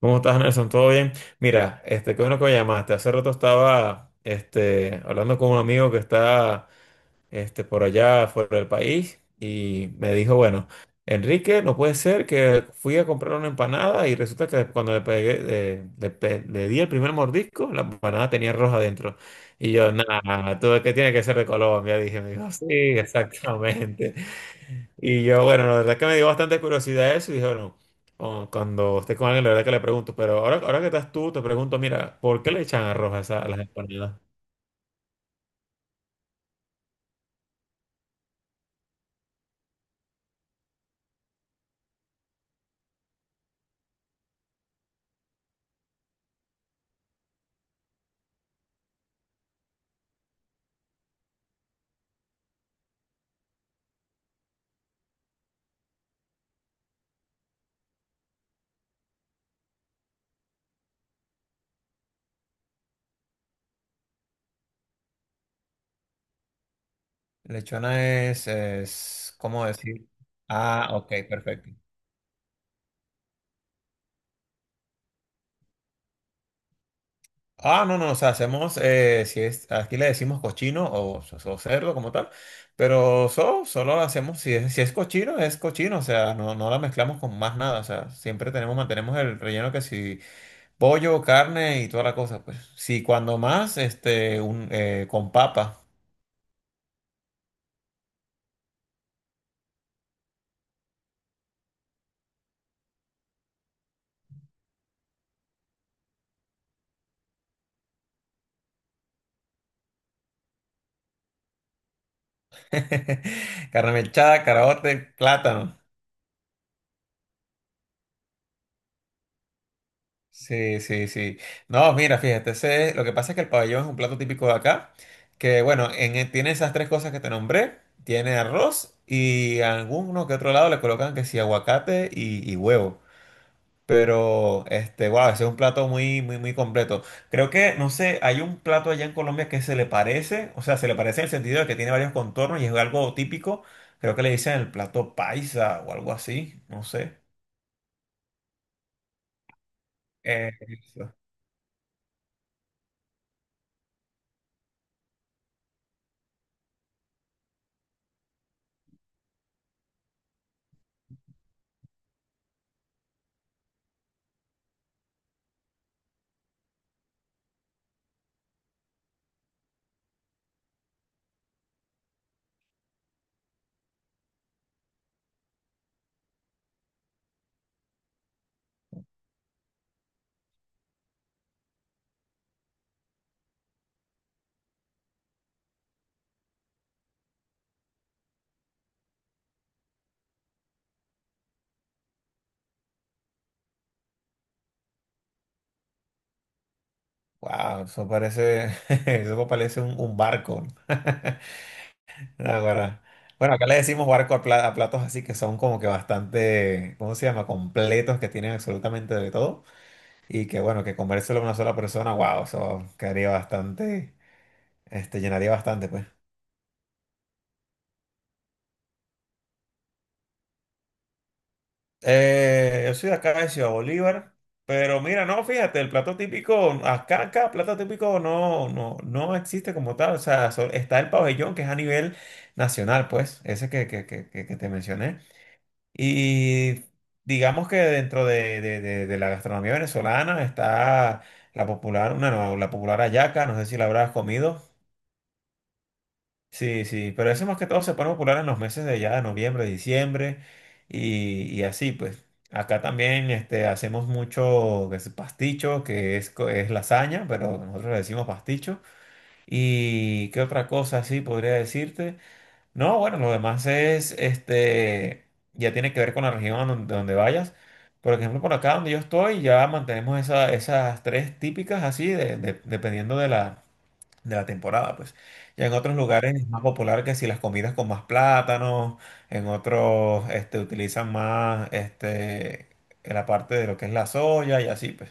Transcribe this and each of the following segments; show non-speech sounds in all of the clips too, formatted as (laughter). ¿Cómo estás, Nelson? ¿Todo bien? Mira, qué bueno que me llamaste. Hace rato estaba, hablando con un amigo que está por allá fuera del país y me dijo, bueno, Enrique, no puede ser que fui a comprar una empanada y resulta que cuando le pegué, le di el primer mordisco, la empanada tenía roja adentro. Y yo, nada, todo que tiene que ser de Colombia, dije, me dijo, sí, (laughs) exactamente. Y yo, bueno, la verdad que me dio bastante curiosidad eso y dije, bueno, cuando esté con alguien, la verdad que le pregunto, pero ahora que estás tú, te pregunto, mira, ¿por qué le echan arroz a, a las empanadas? Lechona es, ¿cómo decir? Ah, ok, perfecto. Ah, no, no, o sea, hacemos, si es, aquí le decimos cochino o cerdo como tal, pero solo hacemos, si es, si es cochino, es cochino, o sea, no, no la mezclamos con más nada, o sea, siempre tenemos, mantenemos el relleno que si pollo, carne y toda la cosa, pues, sí, cuando más, con papa, (laughs) carne mechada, caraote, plátano. Sí, sí, sí. No, mira, fíjate, lo que pasa es que el pabellón es un plato típico de acá, que bueno, tiene esas tres cosas que te nombré, tiene arroz y a alguno que otro lado le colocan que sí, aguacate y huevo. Pero, wow, ese es un plato muy, muy, muy completo. Creo que, no sé, hay un plato allá en Colombia que se le parece, o sea, se le parece en el sentido de que tiene varios contornos y es algo típico. Creo que le dicen el plato paisa o algo así, no sé. Eh, Wow, eso parece, (laughs) eso parece un barco. (laughs) Ahora, bueno, acá le decimos barco a, a platos así que son como que bastante, ¿cómo se llama? Completos, que tienen absolutamente de todo. Y que bueno, que comérselo a una sola persona, wow, eso quedaría bastante, llenaría bastante, pues. Yo soy de acá de Ciudad Bolívar, pero mira, no, fíjate, el plato típico, acá, acá, plato típico no, no, no existe como tal, o sea, está el pabellón que es a nivel nacional, pues, ese que, que te mencioné. Y digamos que dentro de la gastronomía venezolana está la popular, una, no, la popular hallaca, no sé si la habrás comido. Sí, sí, pero eso más que todo se pone popular en los meses de ya, noviembre, diciembre y así, pues. Acá también hacemos mucho que es pasticho, que es lasaña, pero nosotros le decimos pasticho. ¿Y qué otra cosa así podría decirte? No, bueno, lo demás es, ya tiene que ver con la región donde, donde vayas. Por ejemplo, por acá donde yo estoy, ya mantenemos esas tres típicas así, dependiendo de la temporada, pues. Ya en otros lugares es más popular que si las comidas con más plátanos, en otros utilizan más en la parte de lo que es la soya y así, pues.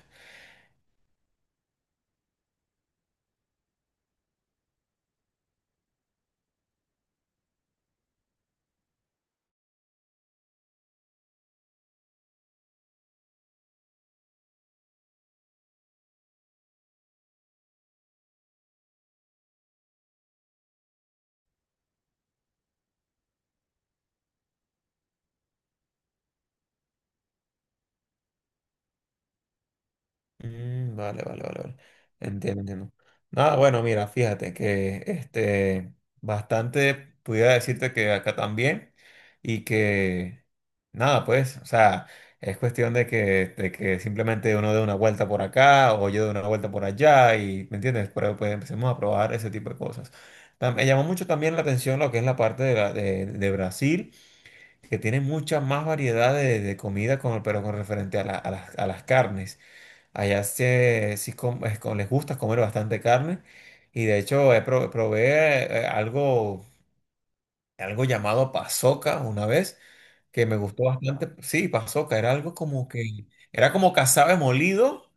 Mm, vale, vale, vale, vale. Entiendo, entiendo. Nada, bueno, mira, fíjate que bastante pudiera decirte que acá también y que nada, pues, o sea, es cuestión de que simplemente uno dé una vuelta por acá o yo dé una vuelta por allá y, ¿me entiendes? Pero pues empecemos a probar ese tipo de cosas. Me llamó mucho también la atención lo que es la parte de, de Brasil, que tiene mucha más variedad de comida, con, pero con referente a las a las carnes. Allá sí, les gusta comer bastante carne y de hecho probé algo llamado pasoca una vez que me gustó bastante. Sí, pasoca, era algo como que, era como cazabe molido,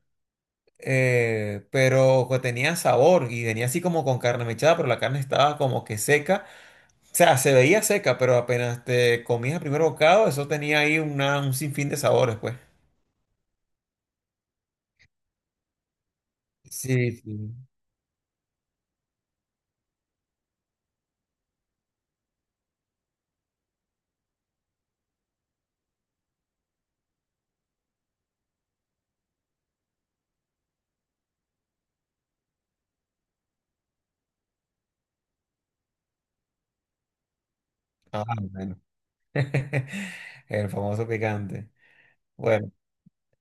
pero que tenía sabor y venía así como con carne mechada, pero la carne estaba como que seca. O sea, se veía seca, pero apenas te comías el primer bocado, eso tenía ahí una, un sinfín de sabores, pues. Sí, sí. Ah, bueno. (laughs) El famoso picante. Bueno,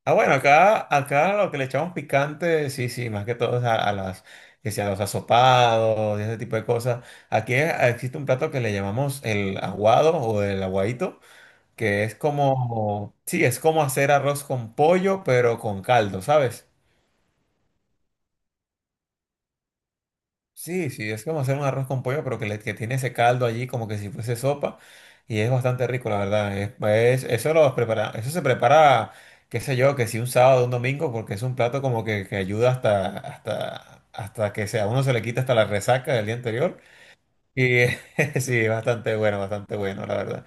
ah, bueno, acá, acá lo que le echamos picante, sí, sí, más que todo es a las, que sea, los asopados y ese tipo de cosas. Aquí existe un plato que le llamamos el aguado o el aguadito, que es como, sí, es como hacer arroz con pollo, pero con caldo, ¿sabes? Sí, sí, es como hacer un arroz con pollo, pero que, que tiene ese caldo allí como que si fuese sopa y es bastante rico, la verdad. Eso lo prepara, eso se prepara, qué sé yo, que si un sábado, un domingo, porque es un plato como que ayuda hasta, hasta, hasta que sea, a uno se le quita hasta la resaca del día anterior. Y (laughs) sí, bastante bueno, la verdad.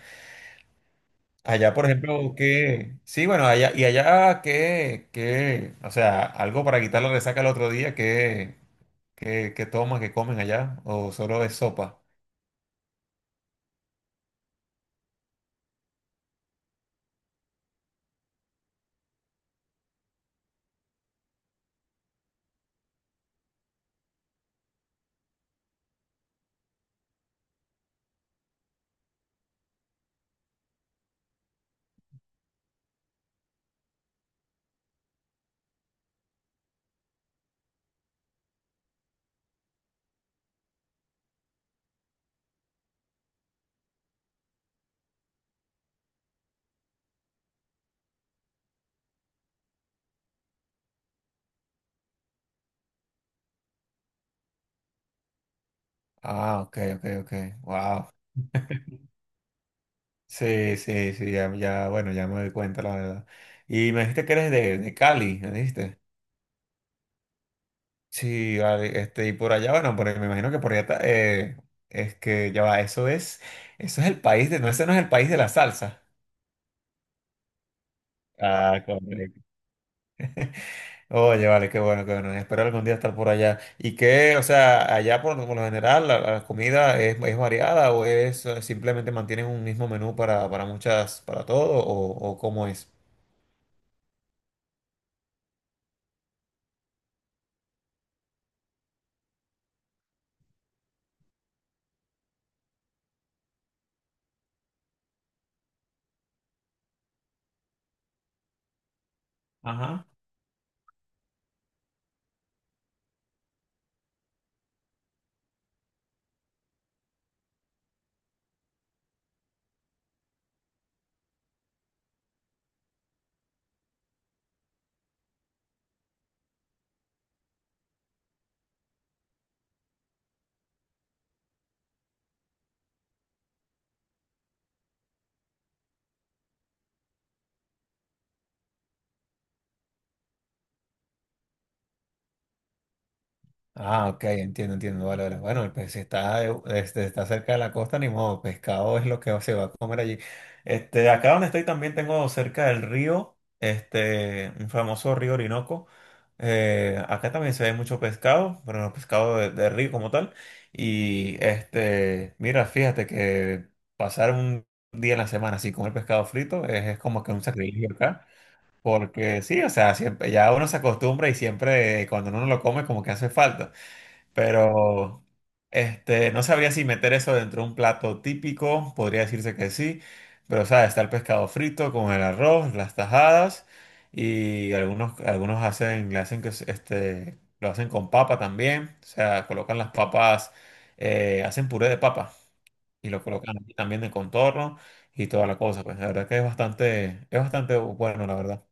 Allá, por ejemplo, que sí, bueno, allá y allá que, o sea, algo para quitar la resaca el otro día, que ¿qué, qué toman, qué comen allá? ¿O solo es sopa? Ah, ok, ok, ok. Wow. Sí, sí, sí, ya, ya, bueno, ya me doy cuenta, la verdad. Y me dijiste que eres de Cali, ¿me dijiste? Sí, vale, y por allá, bueno, por, me imagino que por allá está, es que ya va, eso es el país de, no, ese no es el país de la salsa. Ah, correcto. Oye, vale, qué bueno, qué bueno. Espero algún día estar por allá. Y qué, o sea, allá por lo general la, la comida es variada o es simplemente mantienen un mismo menú para muchas, para todo o cómo es. Ah, ok, entiendo, entiendo. Vale, vale. Bueno, pues si está, está cerca de la costa, ni modo, pescado es lo que se va a comer allí. Acá donde estoy también tengo cerca del río, un famoso río Orinoco. Acá también se ve mucho pescado, pero no pescado de río como tal. Y mira, fíjate que pasar un día en la semana así comer pescado frito es como que un sacrificio acá. Porque sí, o sea, siempre, ya uno se acostumbra y siempre cuando uno lo come como que hace falta. Pero no sabría si meter eso dentro de un plato típico, podría decirse que sí, pero sabes, está el pescado frito con el arroz, las tajadas y algunos, algunos hacen, le hacen que lo hacen con papa también, o sea, colocan las papas, hacen puré de papa y lo colocan aquí también de contorno y toda la cosa, pues la verdad que es bastante bueno, la verdad.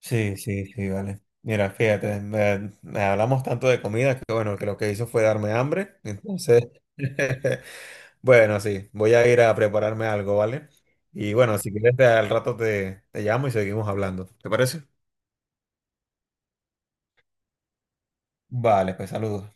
Sí, sí, sí, vale. Mira, fíjate, me hablamos tanto de comida que bueno, que lo que hizo fue darme hambre. Entonces, (laughs) bueno, sí, voy a ir a prepararme algo, ¿vale? Y bueno, si quieres, al rato te, te llamo y seguimos hablando. ¿Te parece? Vale, pues saludos.